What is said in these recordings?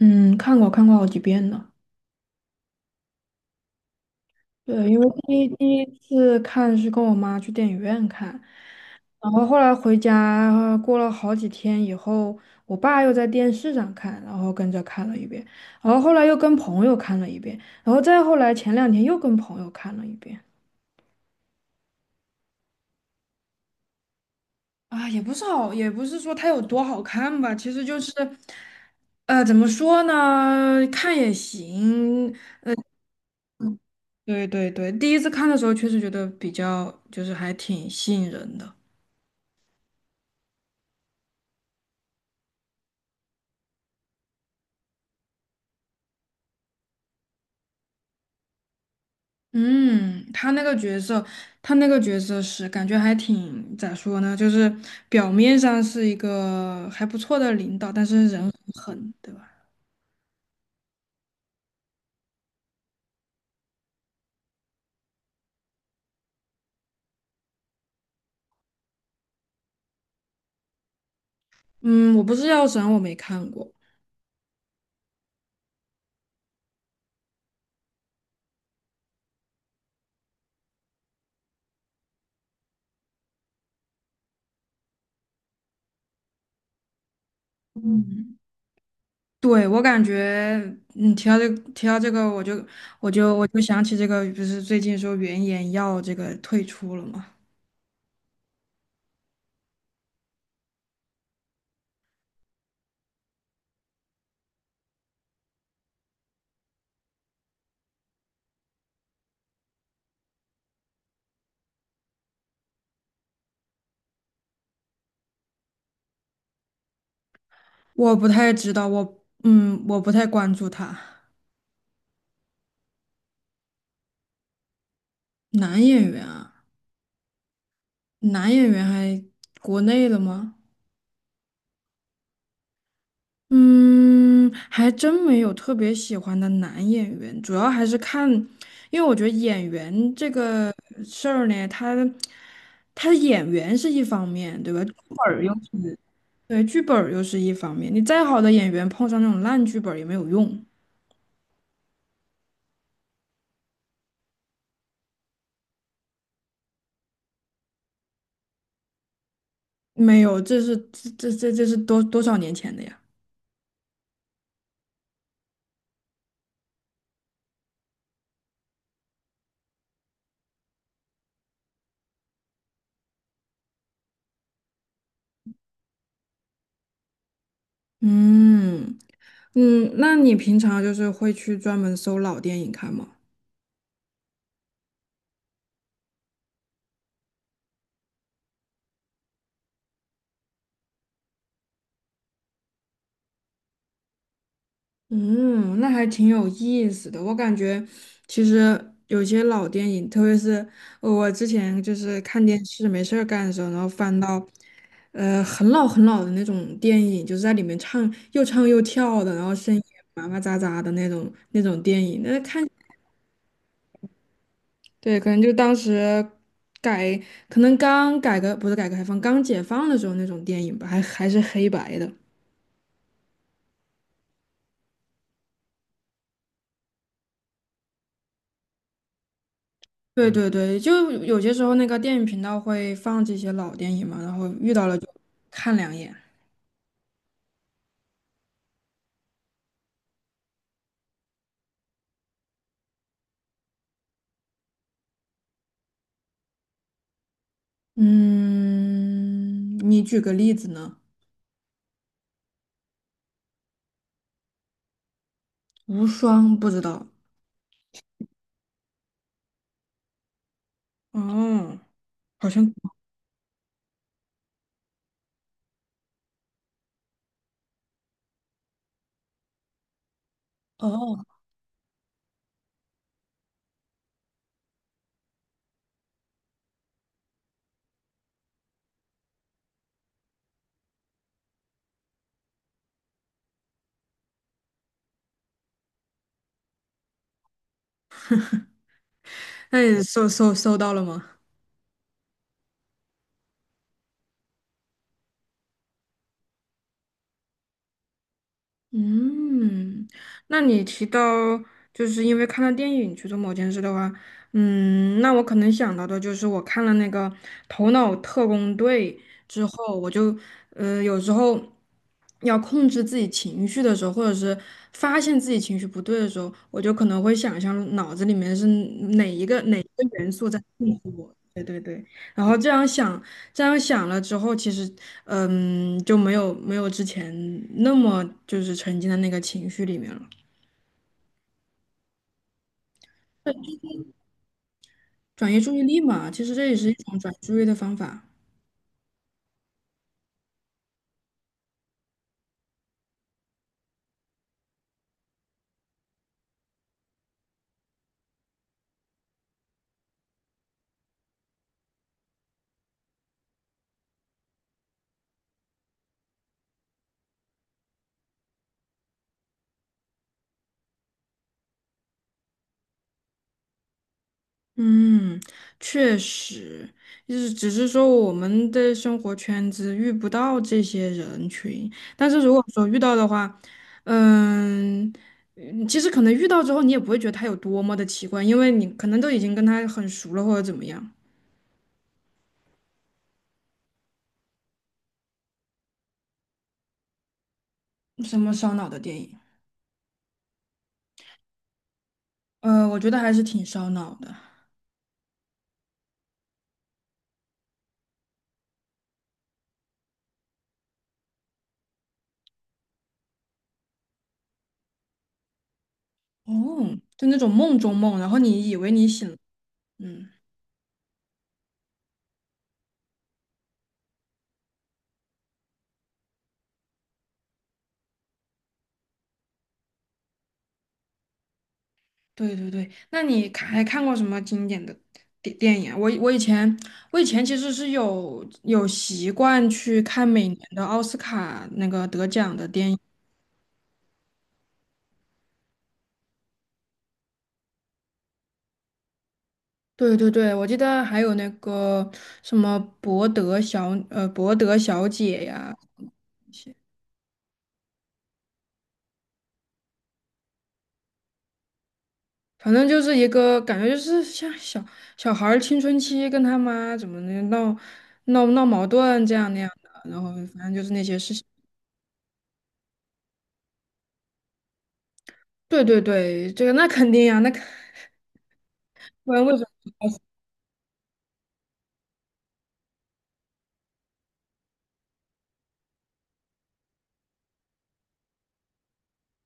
嗯，看过看过好几遍呢。对，因为第一次看是跟我妈去电影院看，然后后来回家过了好几天以后，我爸又在电视上看，然后跟着看了一遍，然后后来又跟朋友看了一遍，然后再后来前两天又跟朋友看了一遍。啊，也不是好，也不是说它有多好看吧，其实就是，怎么说呢，看也行，对对对，第一次看的时候确实觉得比较，就是还挺吸引人的。嗯，他那个角色，他那个角色是感觉还挺，咋说呢，就是表面上是一个还不错的领导，但是人很狠，对吧？嗯，我不是药神，我没看过。嗯，对，我感觉，你提到这个，提到这个，我就想起这个，不是最近说原研药这个退出了吗？我不太知道，我嗯，我不太关注他。男演员啊，男演员还国内的吗？嗯，还真没有特别喜欢的男演员，主要还是看，因为我觉得演员这个事儿呢，他演员是一方面，对吧？剧本儿又对，剧本儿又是一方面，你再好的演员碰上那种烂剧本儿也没有用。没有，这是这这这这是多多少年前的呀？嗯嗯，那你平常就是会去专门搜老电影看吗？嗯，那还挺有意思的。我感觉其实有些老电影，特别是我之前就是看电视没事儿干的时候，然后翻到很老很老的那种电影，就是在里面唱又唱又跳的，然后声音也麻麻扎扎的那种电影，那看对，可能就当时改，可能刚改革不是改革开放，刚解放的时候那种电影吧，还是黑白的。对嗯对对，就有些时候那个电影频道会放这些老电影嘛，然后遇到了就看两眼。嗯，你举个例子呢？无双不知道。哦，好像哦，那你搜到了吗？嗯，那你提到就是因为看了电影去做某件事的话，嗯，那我可能想到的就是我看了那个《头脑特工队》之后，我就有时候要控制自己情绪的时候，或者是发现自己情绪不对的时候，我就可能会想象脑子里面是哪一个元素在控制我。对对对。然后这样想，这样想了之后，其实，嗯，就没有之前那么就是沉浸在那个情绪里面了，转移注意力嘛，其实这也是一种转移注意的方法。嗯，确实，就是只是说我们的生活圈子遇不到这些人群，但是如果说遇到的话，嗯嗯其实可能遇到之后你也不会觉得他有多么的奇怪，因为你可能都已经跟他很熟了或者怎么样。什么烧脑的电影？我觉得还是挺烧脑的。哦，就那种梦中梦，然后你以为你醒了。嗯，对对对。那你看还看过什么经典的电影啊我我以前我以前其实是有习惯去看每年的奥斯卡那个得奖的电影。对对对，我记得还有那个什么博德小姐呀，反正就是一个感觉，就是像小小孩儿青春期跟他妈怎么的闹闹矛盾这样那样的，然后反正就是那些事情。对对对，这个那肯定呀、那肯不然为什么？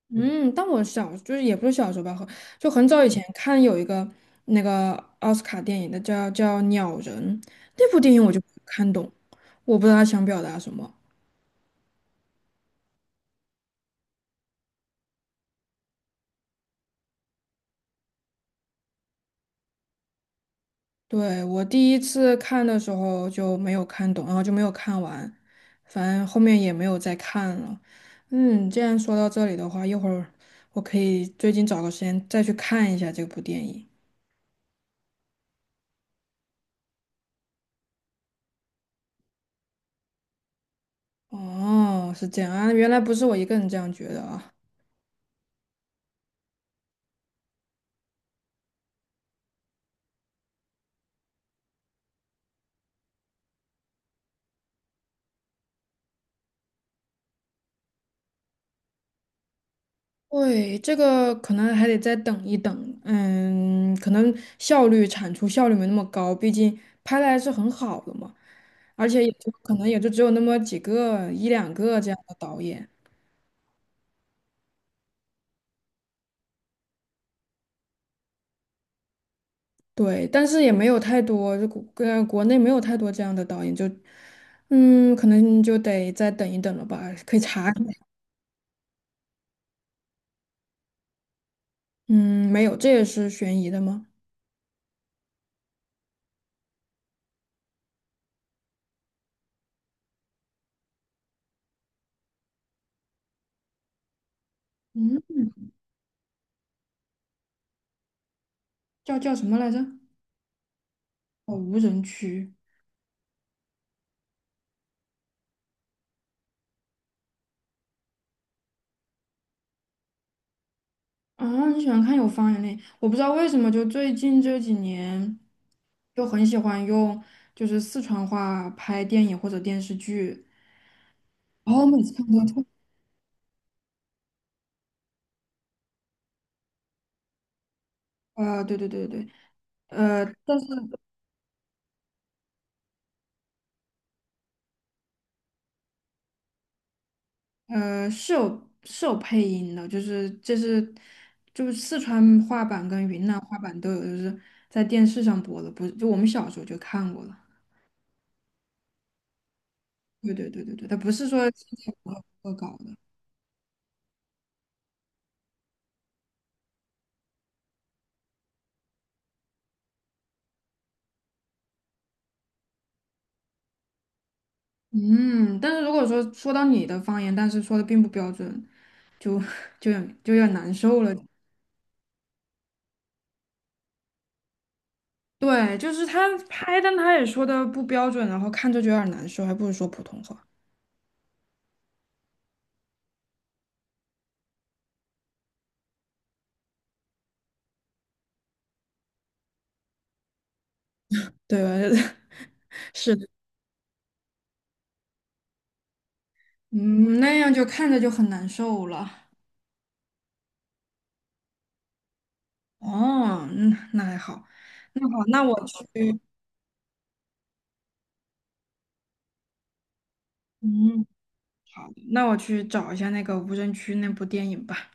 嗯，但我小就是也不是小时候吧，很就很早以前看有一个那个奥斯卡电影的叫《鸟人》，那部电影我就没看懂，我不知道他想表达什么。对，我第一次看的时候就没有看懂，然后就没有看完，反正后面也没有再看了。嗯，既然说到这里的话，一会儿我可以最近找个时间再去看一下这部电影。哦，是这样啊，原来不是我一个人这样觉得啊。对，这个可能还得再等一等，嗯，可能效率产出效率没那么高，毕竟拍的还是很好的嘛，而且也就可能也就只有那么几个一两个这样的导演。对，但是也没有太多，就国内没有太多这样的导演，就嗯，可能就得再等一等了吧，可以查一下嗯，没有，这也是悬疑的吗？嗯，叫什么来着？哦，无人区啊，你喜欢看有方言的？我不知道为什么，就最近这几年就很喜欢用就是四川话拍电影或者电视剧，然后每次看都特啊，对对对对，但是。是有是有配音的，就是这是就是四川话版跟云南话版都有，就是在电视上播的，不是就我们小时候就看过了。对对对对对，它不是说现在我恶搞的。嗯，但是如果说说到你的方言，但是说的并不标准，就 就有点就有点难受了。对，就是他拍，但他也说的不标准，然后看着就有点难受，还不如说普通话。对吧 是的，嗯，那样就看着就很难受了。哦，那那还好，那好，那我去，嗯，好的，那我去找一下那个无人区那部电影吧。